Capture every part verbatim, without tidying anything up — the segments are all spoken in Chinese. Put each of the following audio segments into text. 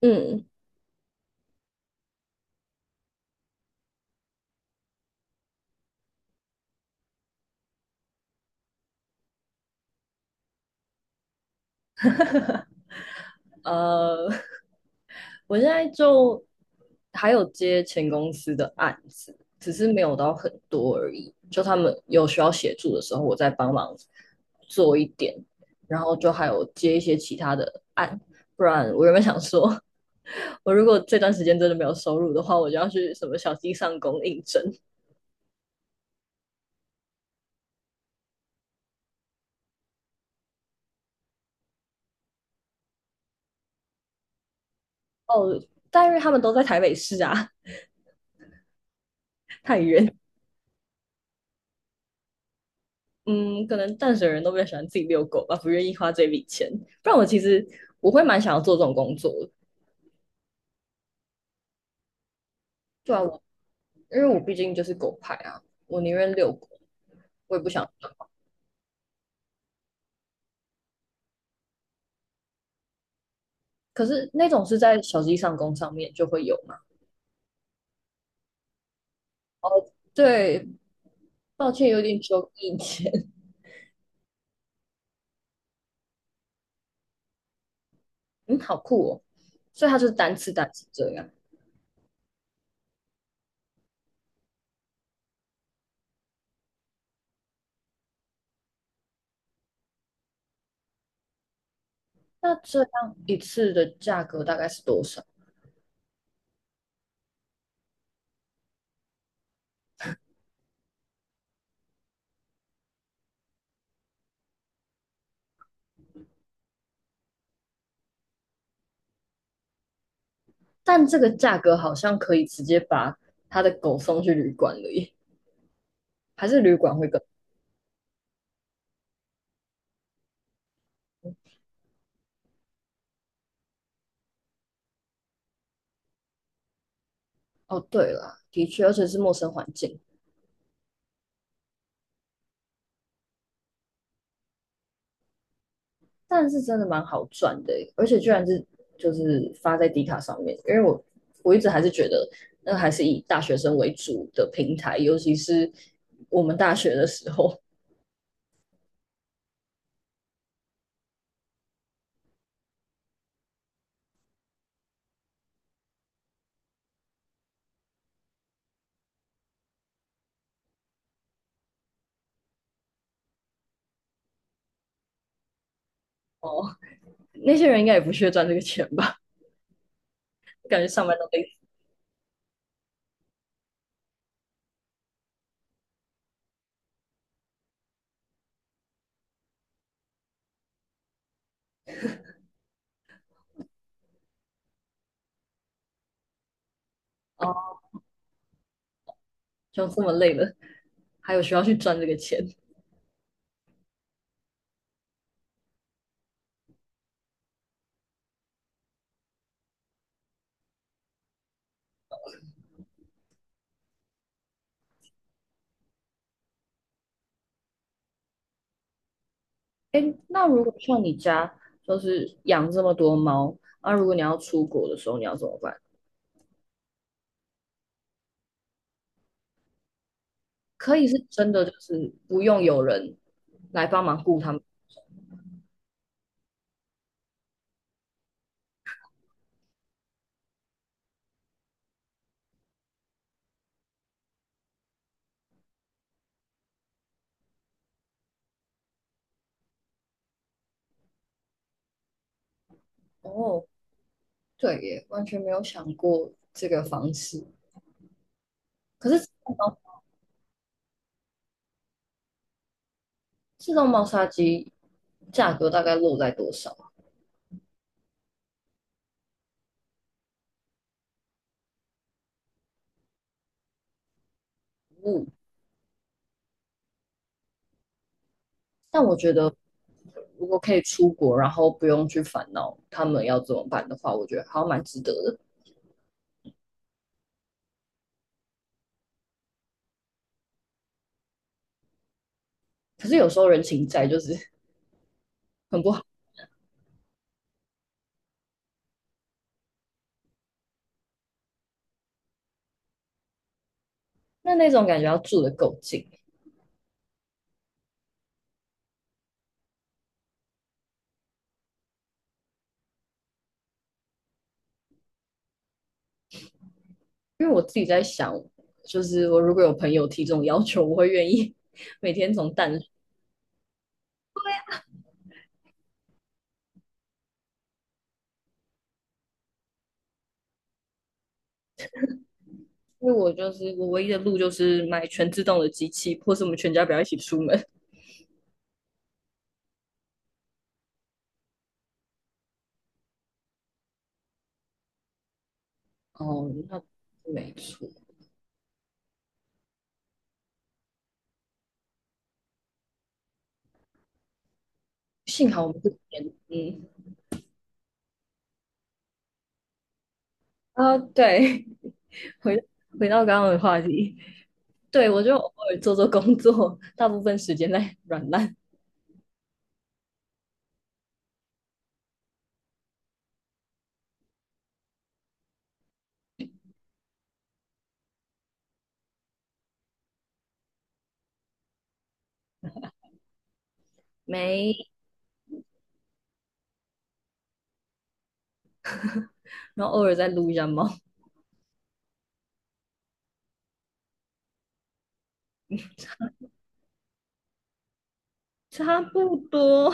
嗯，呃，我现在就还有接前公司的案子，只是没有到很多而已。就他们有需要协助的时候，我再帮忙做一点，然后就还有接一些其他的案。不然我原本想说，我如果这段时间真的没有收入的话，我就要去什么小鸡上工应征。哦，但是他们都在台北市啊，太远。嗯，可能淡水人都比较喜欢自己遛狗吧，不愿意花这笔钱。不然我其实我会蛮想要做这种工作的。对啊，我因为我毕竟就是狗派啊，我宁愿遛狗，我也不想。可是那种是在小鸡上工上面就会有嘛？对，抱歉，有点久以前。嗯，好酷哦。所以它就是单次单次这样。那这样一次的价格大概是多少？但这个价格好像可以直接把他的狗送去旅馆了耶，还是旅馆会更？哦，对啦，的确，而且是陌生环境，但是真的蛮好赚的欸，而且居然是就是发在迪卡上面，因为我我一直还是觉得那还是以大学生为主的平台，尤其是我们大学的时候。哦，那些人应该也不屑赚这个钱吧？感觉上班都累死哦，就这么累了，还有需要去赚这个钱？哎，那如果像你家就是养这么多猫，那、啊如果你要出国的时候，你要怎么办？可以是真的，就是不用有人来帮忙雇他们。哦，对耶，完全没有想过这个方式。可是自动猫自动猫砂机价格大概落在多少？嗯，但我觉得如果可以出国，然后不用去烦恼他们要怎么办的话，我觉得好像蛮值得的。可是有时候人情债就是很不好，那那种感觉要住的够近。因为我自己在想，就是我如果有朋友提这种要求，我会愿意 每天从蛋。因为我就是我唯一的路就是买全自动的机器，或是我们全家不要一起出门。哦，那没错，幸好我们这边，嗯，啊，对，回回到刚刚的话题，对我就偶尔做做工作，大部分时间在 软烂没，然后偶尔再撸一下猫，差不多。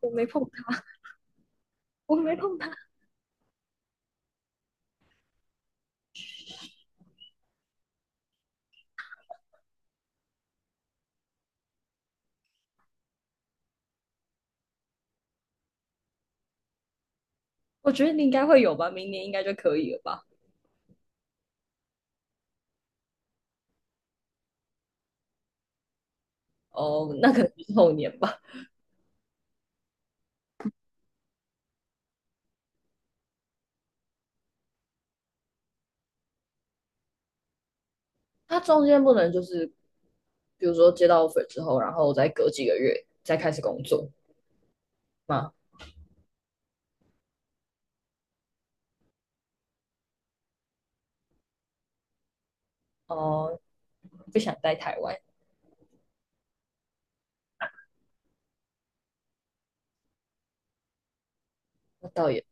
我没碰它，我没碰它，我觉得你应该会有吧，明年应该就可以了吧？哦，那可能就是后年吧。它中间不能就是比如说接到 offer 之后，然后再隔几个月再开始工作吗？哦，不想待台湾，那倒也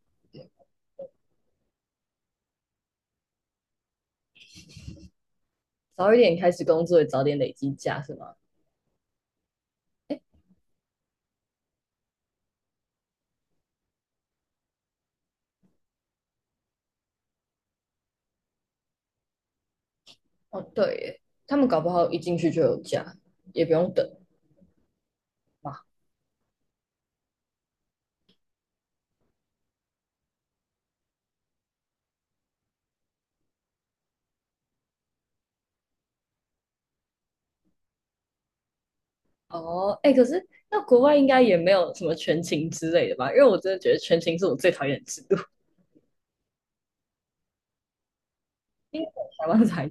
早一点开始工作，早点累积假是吗？哦，对耶，他们搞不好一进去就有假，也不用等嘛。哦，哎，可是那国外应该也没有什么全勤之类的吧？因为我真的觉得全勤是我最讨厌的制度，因为台湾才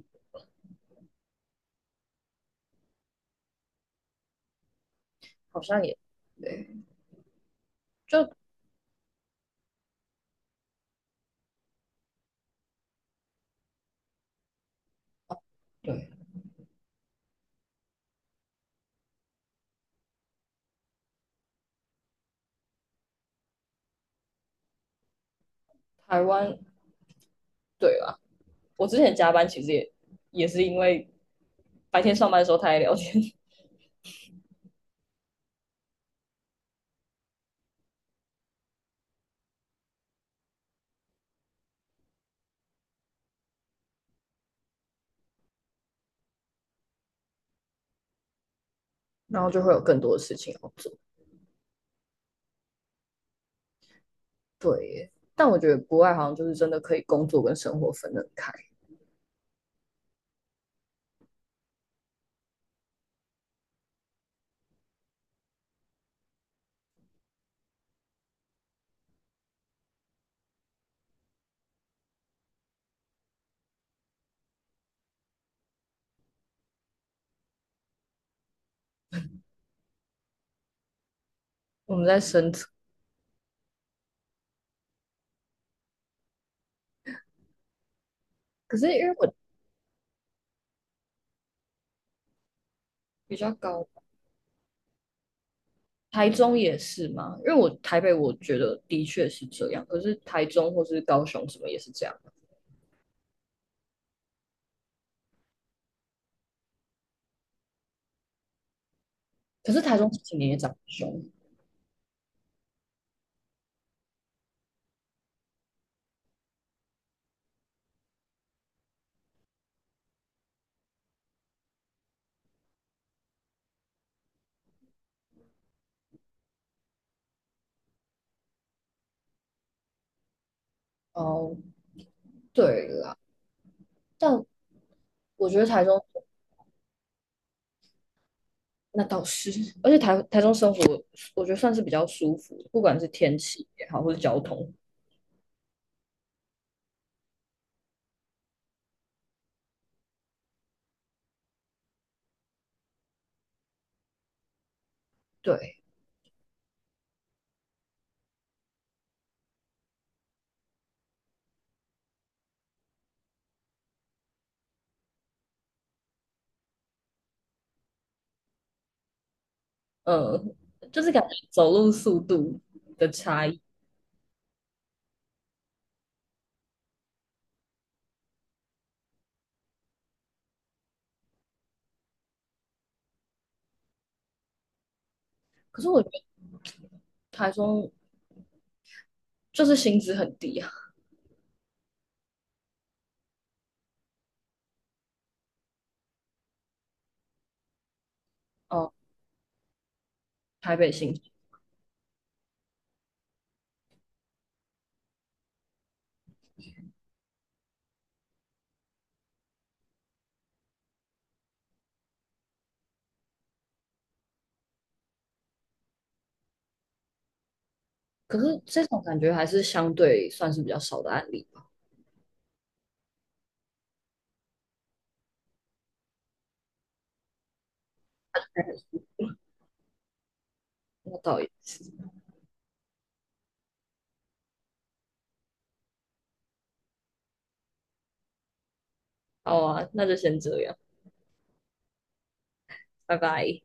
好像也对，就对台湾对吧？我之前加班其实也也是因为白天上班的时候太聊天，然后就会有更多的事情要做。对耶但我觉得国外好像就是真的可以工作跟生活分得开。我们在深圳，可是因为我比较高，台中也是嘛，因为我台北我觉得的确是这样，可是台中或是高雄什么也是这样，可是台中这几年也长得凶。哦，对啦，但我觉得台中那倒是，而且台台中生活我觉得算是比较舒服，不管是天气也好，或是交通，对。嗯，就是感觉走路速度的差异。可是我觉得台中就是薪资很低啊，哦，台北薪资，可是这种感觉还是相对算是比较少的案例吧。那倒也是，好啊，那就先这样，拜拜。